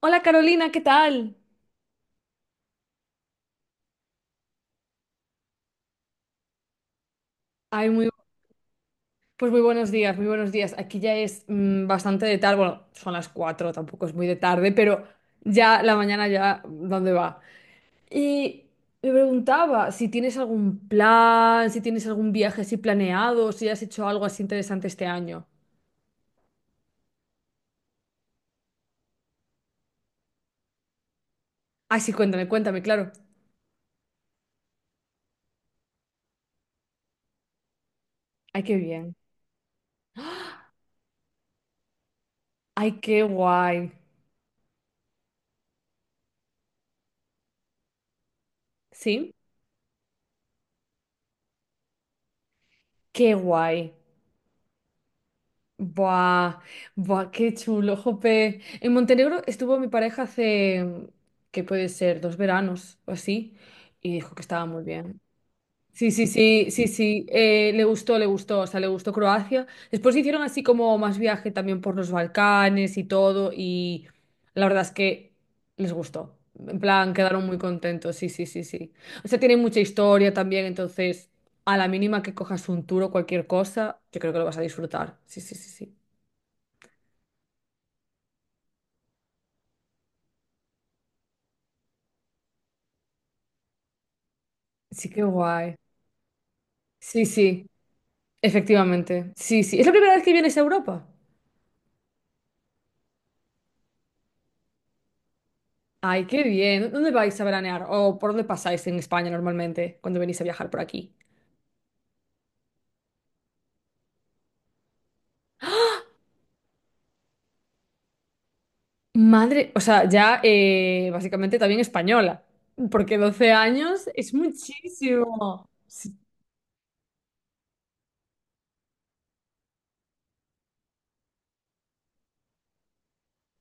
Hola Carolina, ¿qué tal? Ay, pues muy buenos días, muy buenos días. Aquí ya es bastante de tarde, bueno, son las 4, tampoco es muy de tarde, pero ya la mañana ya, ¿dónde va? Y me preguntaba si tienes algún plan, si tienes algún viaje así planeado, si has hecho algo así interesante este año. Ay, sí, cuéntame, cuéntame, claro. Ay, qué bien. Ay, qué guay. ¿Sí? Qué guay. Buah, buah, qué chulo, jope. En Montenegro estuvo mi pareja hace, ¿qué puede ser? 2 veranos o así, y dijo que estaba muy bien. Sí, sí, sí, sí, sí, le gustó, o sea, le gustó Croacia. Después hicieron así como más viaje también por los Balcanes y todo, y la verdad es que les gustó. En plan, quedaron muy contentos, sí, sí, sí, sí. O sea, tiene mucha historia también, entonces, a la mínima que cojas un tour o cualquier cosa, yo creo que lo vas a disfrutar. Sí, sí, sí, sí. Sí, qué guay. Sí, sí, efectivamente. Sí, sí. ¿Es la primera vez que vienes a Europa? Ay, qué bien. ¿Dónde vais a veranear? ¿O por dónde pasáis en España normalmente cuando venís a viajar por aquí? Madre, o sea, ya básicamente también española, porque 12 años es muchísimo. Sí.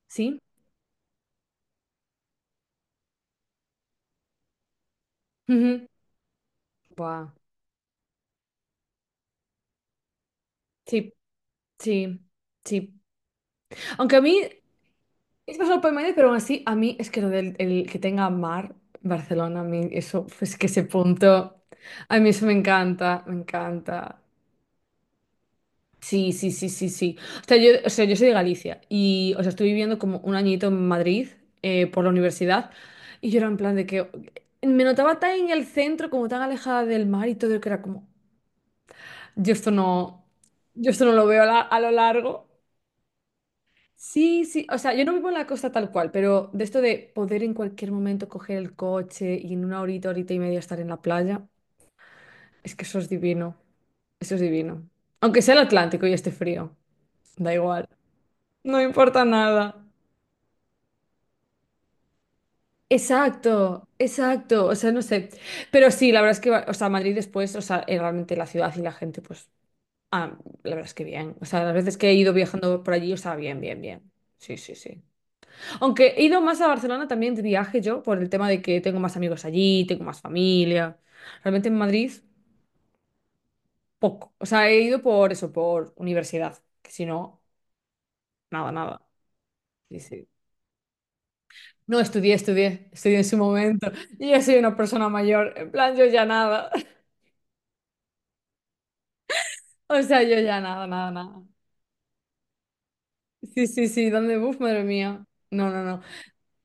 Sí. Ujú. Buah. Sí, sí, sí. Aunque a mí es más me sorprende, pero aún así, a mí es que lo del el que tenga mar, Barcelona, a mí eso, es que ese punto, a mí eso me encanta, me encanta. Sí, sí, sí, sí, sí. O sea, yo soy de Galicia y, o sea, estuve viviendo como un añito en Madrid por la universidad y yo era en plan de que me notaba tan en el centro, como tan alejada del mar y todo, que era como, yo esto no, yo esto no lo veo a lo largo. Sí, sí, o sea, yo no vivo en la costa tal cual, pero de esto de poder en cualquier momento coger el coche y en una horita, horita y media estar en la playa, es que eso es divino, eso es divino. Aunque sea el Atlántico y esté frío, da igual, no importa nada. Exacto, exacto, o sea, no sé. Pero sí, la verdad es que, o sea, Madrid después, o sea, realmente la ciudad y la gente, pues, la verdad es que bien. O sea, las veces que he ido viajando por allí, o sea, bien, bien, bien. Sí, sí, sí. Aunque he ido más a Barcelona también de viaje yo, por el tema de que tengo más amigos allí, tengo más familia. Realmente en Madrid, poco. O sea, he ido por eso, por universidad. Que si no, nada, nada. Sí, sí. No estudié en su momento. Yo ya soy una persona mayor. En plan, yo ya nada. O sea, yo ya nada, nada, nada. Sí, sí, sí, ¿Dónde uf, madre mía. No, no, no.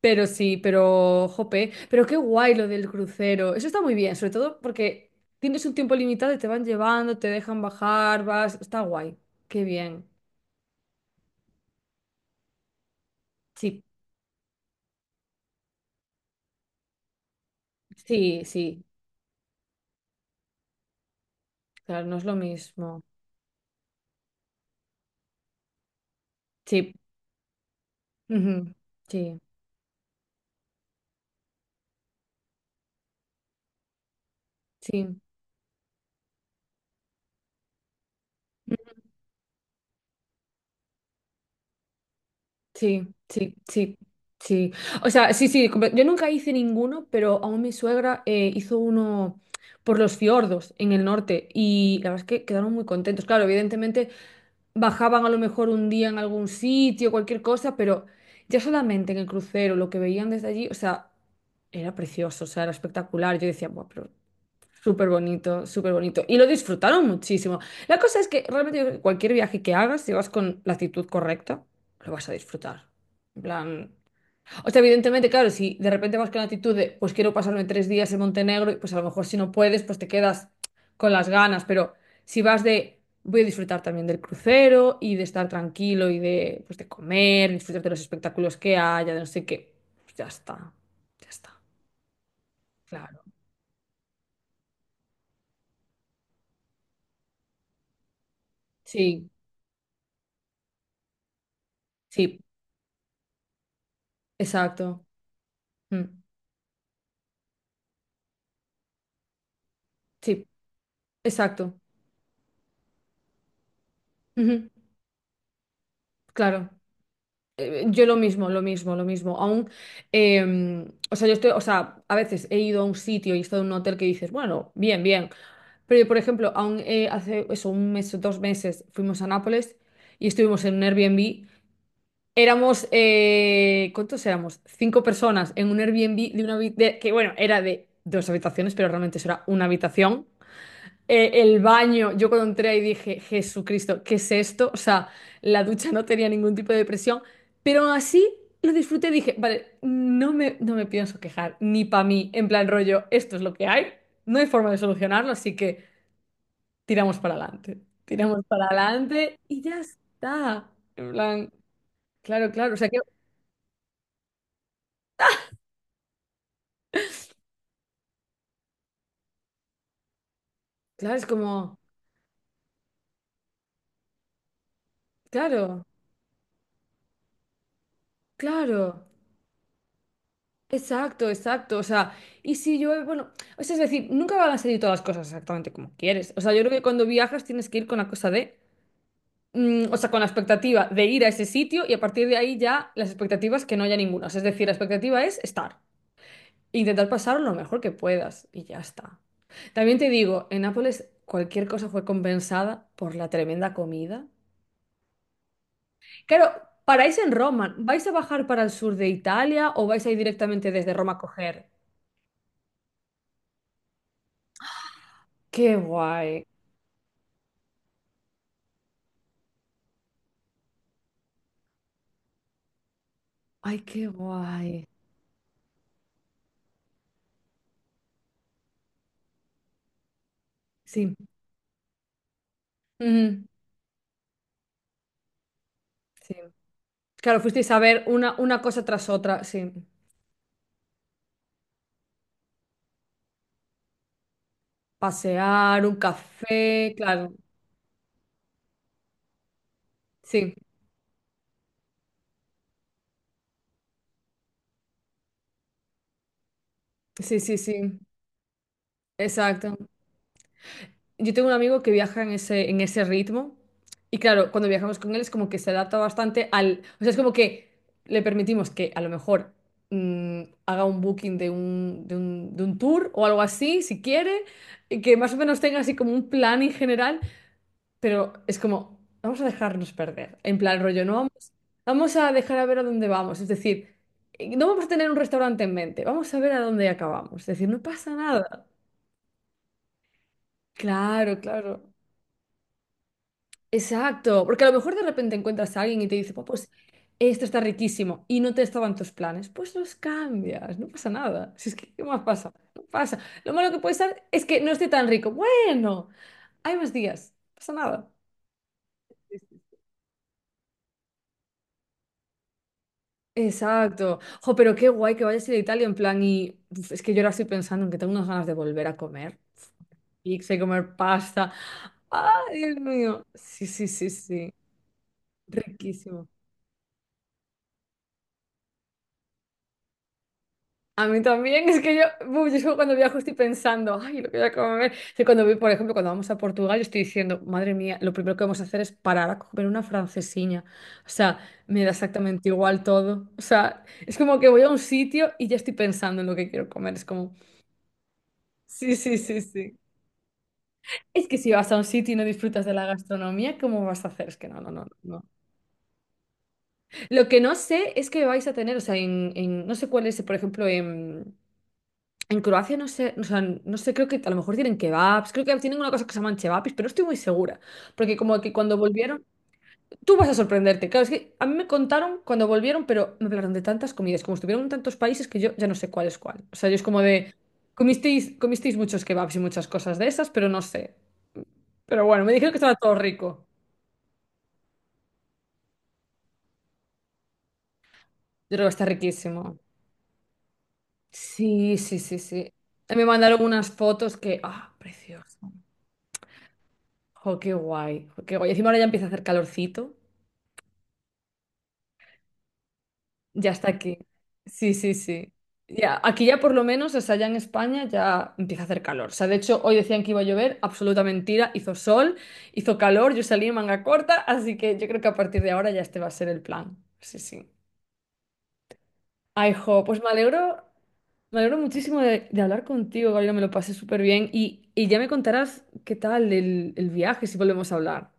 Pero sí, pero jope, pero qué guay lo del crucero. Eso está muy bien, sobre todo porque tienes un tiempo limitado y te van llevando, te dejan bajar, vas, está guay. Qué bien. Sí, sí, sí. Claro, no es lo mismo. Sí. Ujú. Sí, sí. Sí, sí, sí, sí. O sea, sí, sí, yo nunca hice ninguno, pero aún mi suegra hizo uno por los fiordos en el norte y la verdad es que quedaron muy contentos. Claro, evidentemente bajaban a lo mejor un día en algún sitio, cualquier cosa, pero ya solamente en el crucero, lo que veían desde allí, o sea, era precioso, o sea, era espectacular. Yo decía, bueno, súper bonito, súper bonito. Y lo disfrutaron muchísimo. La cosa es que realmente yo creo que cualquier viaje que hagas, si vas con la actitud correcta, lo vas a disfrutar. En plan. O sea, evidentemente, claro, si de repente vas con la actitud de, pues quiero pasarme 3 días en Montenegro, y pues a lo mejor si no puedes, pues te quedas con las ganas. Pero si vas de, voy a disfrutar también del crucero y de estar tranquilo y de, pues de comer, disfrutar de los espectáculos que haya, de no sé qué, pues ya está. Ya está. Claro. Sí, sí, exacto. Mm. Sí, exacto. Ujú, claro. Yo lo mismo, lo mismo, lo mismo. Aún, o sea, yo estoy, o sea, a veces he ido a un sitio y he estado en un hotel que dices, bueno, bien, bien. Pero yo, por ejemplo, aún hace eso, un mes o 2 meses fuimos a Nápoles y estuvimos en un Airbnb. Éramos, ¿cuántos éramos? Cinco personas en un Airbnb de una que, bueno, era de dos habitaciones, pero realmente eso era una habitación. El baño, yo cuando entré ahí dije, Jesucristo, ¿qué es esto? O sea, la ducha no tenía ningún tipo de presión, pero aún así lo disfruté y dije, vale, no me pienso quejar, ni para mí, en plan rollo, esto es lo que hay, no hay forma de solucionarlo, así que tiramos para adelante y ya está. En plan, claro, claro, o sea que, claro, es como, claro, claro. Exacto, exacto. O sea, y si llueve, bueno, o sea, es decir, nunca van a salir todas las cosas exactamente como quieres. O sea, yo creo que cuando viajas tienes que ir con la cosa de, o sea, con la expectativa de ir a ese sitio y a partir de ahí ya las expectativas que no haya ninguna. O sea, es decir, la expectativa es estar, intentar pasar lo mejor que puedas y ya está. También te digo, en Nápoles cualquier cosa fue compensada por la tremenda comida. Claro, paráis en Roma, ¿vais a bajar para el sur de Italia o vais a ir directamente desde Roma a coger? Qué guay. Ay, qué guay. Sí. Ujú. Sí. Claro, fuisteis a ver una cosa tras otra, sí. Pasear, un café, claro. Sí, sí, sí, sí. Exacto. Yo tengo un amigo que viaja en ese ritmo y claro, cuando viajamos con él es como que se adapta bastante al... O sea, es como que le permitimos que a lo mejor haga un booking de un tour o algo así, si quiere, y que más o menos tenga así como un plan en general. Pero es como, vamos a dejarnos perder. En plan, rollo, no vamos, vamos a dejar a ver a dónde vamos. Es decir, no vamos a tener un restaurante en mente, vamos a ver a dónde acabamos. Es decir, no pasa nada. Claro, claro. Exacto. Porque a lo mejor de repente encuentras a alguien y te dice, "Buah, pues esto está riquísimo y no te estaban tus planes. Pues los cambias, no pasa nada. Si es que, ¿qué más pasa? No pasa. Lo malo que puede ser es que no esté tan rico. Bueno, hay más días, no pasa nada. Exacto. Jo, pero qué guay que vayas a ir a Italia en plan y uf, es que yo ahora estoy pensando en que tengo unas ganas de volver a comer pizza y comer pasta. ¡Ah, Dios mío! Sí, sí, sí, sí. Riquísimo. A mí también, es que yo, uf, yo es que cuando viajo estoy pensando, ay, lo que voy a comer. Sí, cuando voy, por ejemplo, cuando vamos a Portugal, yo estoy diciendo, madre mía, lo primero que vamos a hacer es parar a comer una francesiña. O sea, me da exactamente igual todo. O sea, es como que voy a un sitio y ya estoy pensando en lo que quiero comer. Es como, sí, sí, sí, sí. Es que si vas a un sitio y no disfrutas de la gastronomía, ¿cómo vas a hacer? Es que no, no, no, no. Lo que no sé es que vais a tener, o sea, en, no sé cuál es, por ejemplo, en Croacia, no sé, o sea, no sé, creo que a lo mejor tienen kebabs, creo que tienen una cosa que se llaman chevapis, pero no estoy muy segura, porque como que cuando volvieron, tú vas a sorprenderte, claro, es que a mí me contaron cuando volvieron, pero me hablaron de tantas comidas, como estuvieron en tantos países que yo ya no sé cuál es cuál. O sea, yo es como de, comisteis muchos kebabs y muchas cosas de esas, pero no sé. Pero bueno, me dijeron que estaba todo rico. Yo creo que está riquísimo. Sí, sí, sí, sí. Me mandaron unas fotos que, ah, precioso. Jo, qué guay, jo, qué guay. Encima ahora ya empieza a hacer calorcito. Ya está aquí. Sí, sí, sí. Ya, aquí ya por lo menos, o sea, ya en España ya empieza a hacer calor. O sea, de hecho, hoy decían que iba a llover, absoluta mentira. Hizo sol, hizo calor, yo salí en manga corta, así que yo creo que a partir de ahora ya este va a ser el plan. Sí, sí. Ay, jo, pues me alegro. Me alegro muchísimo de hablar contigo, Gabriela, me lo pasé súper bien y ya me contarás qué tal el viaje si volvemos a hablar.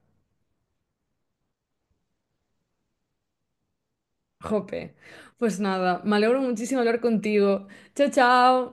Jope. Pues nada, me alegro muchísimo de hablar contigo. Chao, chao.